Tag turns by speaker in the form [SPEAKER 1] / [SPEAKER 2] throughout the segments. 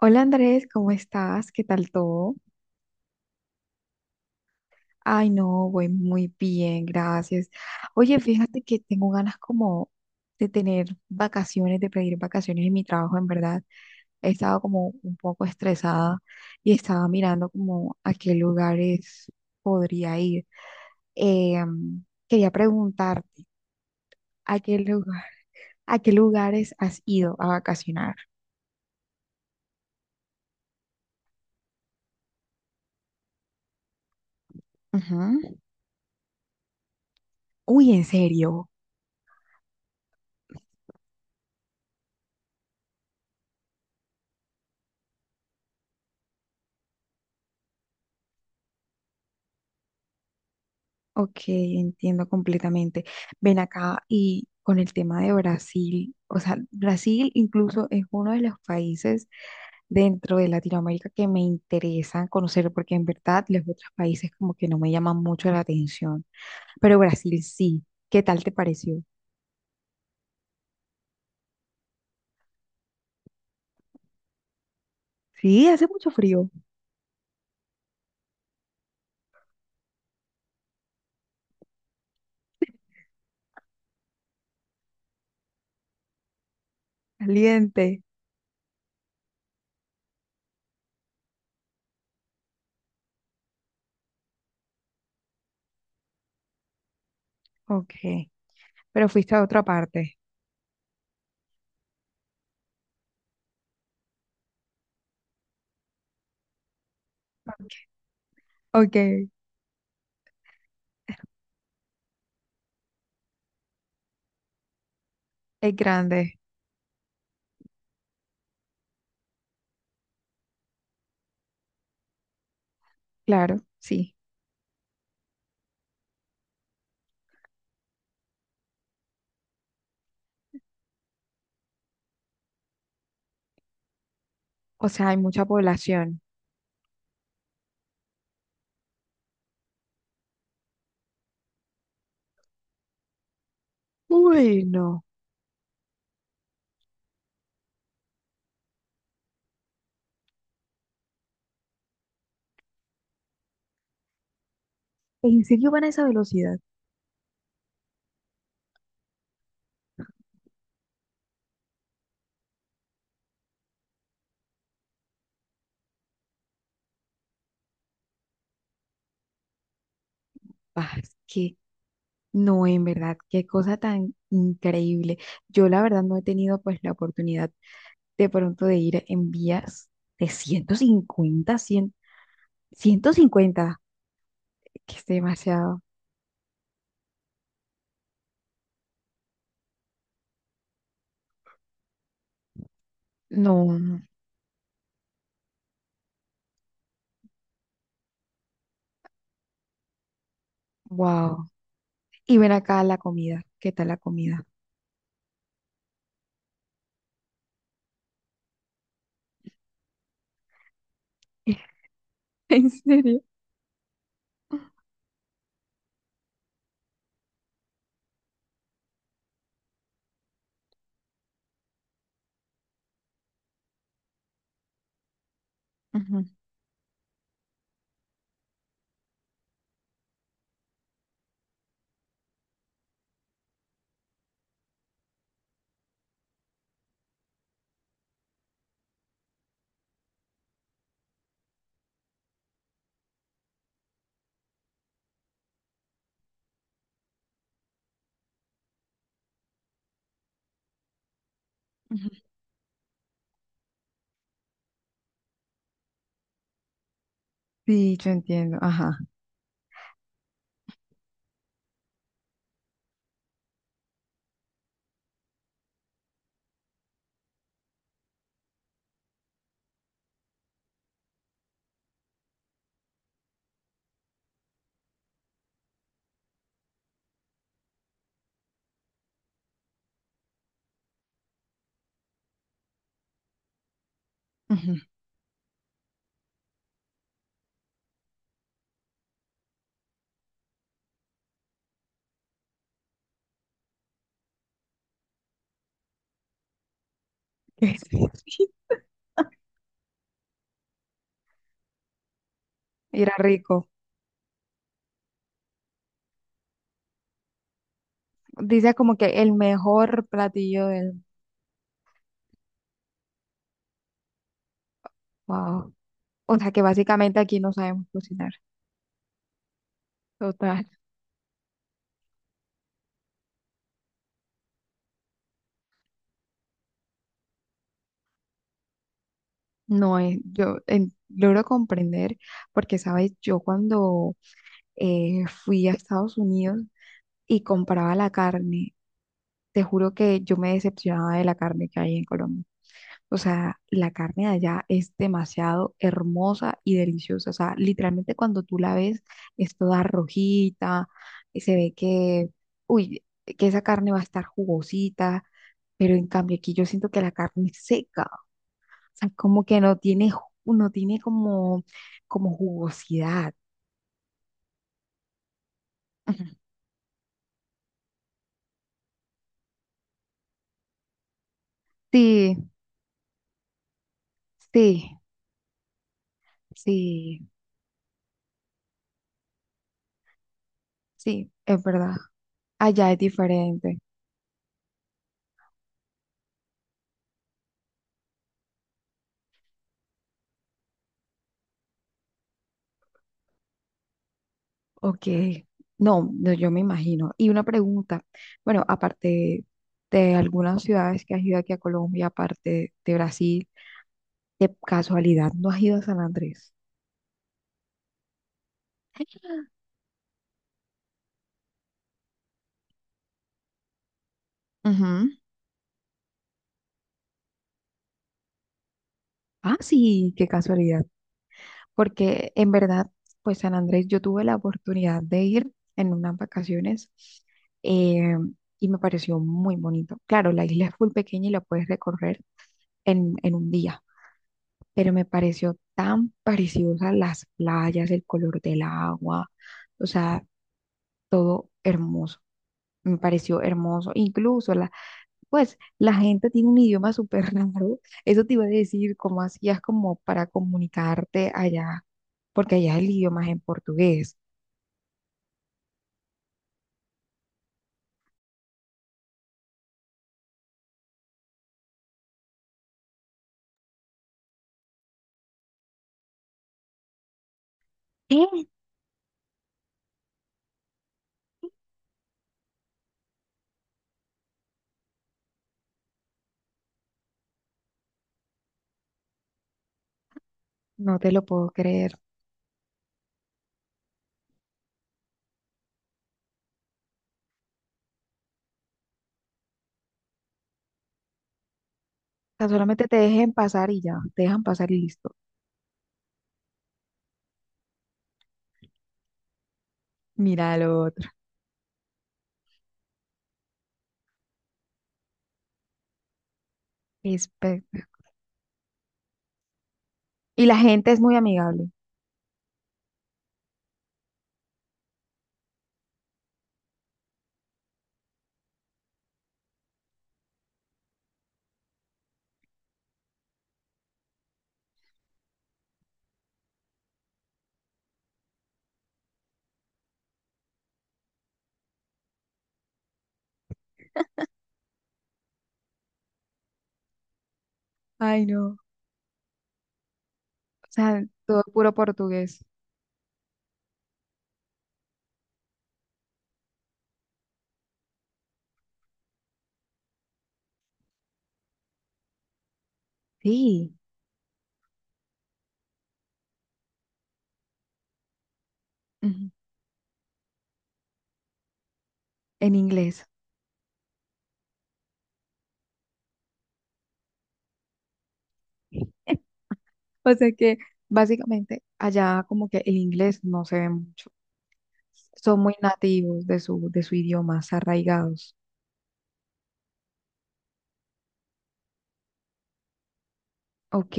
[SPEAKER 1] Hola Andrés, ¿cómo estás? ¿Qué tal todo? Ay, no, voy muy bien, gracias. Oye, fíjate que tengo ganas como de tener vacaciones, de pedir vacaciones en mi trabajo, en verdad. He estado como un poco estresada y estaba mirando como a qué lugares podría ir. Quería preguntarte, ¿a qué lugar, a qué lugares has ido a vacacionar? Ujú. Uy, ¿en serio? Ok, entiendo completamente. Ven acá y con el tema de Brasil, o sea, Brasil incluso es uno de los países dentro de Latinoamérica que me interesa conocer porque en verdad los otros países como que no me llaman mucho la atención, pero Brasil sí. ¿Qué tal te pareció? Sí, hace mucho frío, caliente. Ok, pero fuiste a otra parte. Ok, es grande, claro, sí. O sea, hay mucha población. Bueno. ¿En serio van a esa velocidad? Ah, es que no, en verdad, qué cosa tan increíble. Yo la verdad no he tenido pues la oportunidad de pronto de ir en vías de 150, 100, 150, que es demasiado. No, wow. Y ven acá la comida, ¿qué tal la comida? ¿En serio? Ujú, ujú. Sí, yo entiendo, ajá. Ujú. Era rico. Dice como que el mejor platillo del... Wow. O sea que básicamente aquí no sabemos cocinar. Total. No es, logro comprender porque, sabes, yo cuando fui a Estados Unidos y compraba la carne, te juro que yo me decepcionaba de la carne que hay en Colombia. O sea, la carne de allá es demasiado hermosa y deliciosa. O sea, literalmente cuando tú la ves es toda rojita, y se ve que, uy, que esa carne va a estar jugosita. Pero en cambio aquí yo siento que la carne es seca. Sea, como que no tiene, no tiene como jugosidad. Ujú. Sí, sí, sí, sí, es verdad. Allá es diferente. Ok. No, no, yo me imagino. Y una pregunta. Bueno, aparte de algunas ciudades que has ido aquí a Colombia, aparte de Brasil, de casualidad, ¿no has ido a San Andrés? Ujú. Ah, sí, qué casualidad. Porque en verdad, pues San Andrés, yo tuve la oportunidad de ir en unas vacaciones eh, y me pareció muy bonito. Claro, la isla es muy pequeña y la puedes recorrer en un día, pero me pareció tan preciosa las playas, el color del agua, o sea, todo hermoso. Me pareció hermoso. Incluso la, pues la gente tiene un idioma súper raro. Eso te iba a decir, cómo hacías como para comunicarte allá, porque allá el idioma es en portugués. ¿Qué? No te lo puedo creer. O sea, solamente te dejen pasar y ya, te dejan pasar y listo. Mira lo otro. Espe- Y la gente es muy amigable. Ay, no. O sea, todo puro portugués. Sí, ujú, en inglés. O sea que básicamente allá como que el inglés no se ve mucho. Son muy nativos de su idioma, se arraigados. Ok.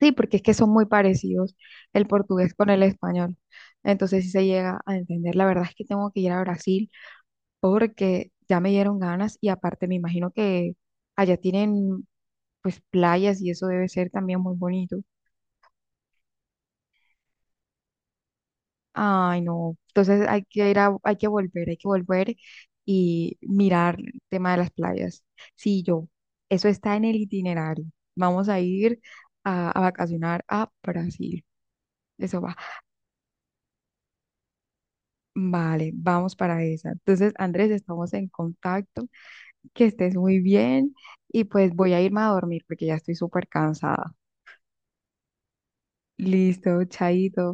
[SPEAKER 1] Sí, porque es que son muy parecidos el portugués con el español. Entonces, si se llega a entender, la verdad es que tengo que ir a Brasil porque ya me dieron ganas y aparte me imagino que allá tienen pues playas y eso debe ser también muy bonito. Ay, no. Entonces hay que volver y mirar el tema de las playas. Sí, yo, eso está en el itinerario. Vamos a ir a vacacionar a Brasil. Eso va. Vale, vamos para esa. Entonces, Andrés, estamos en contacto. Que estés muy bien y pues voy a irme a dormir porque ya estoy súper cansada. Listo, chaito.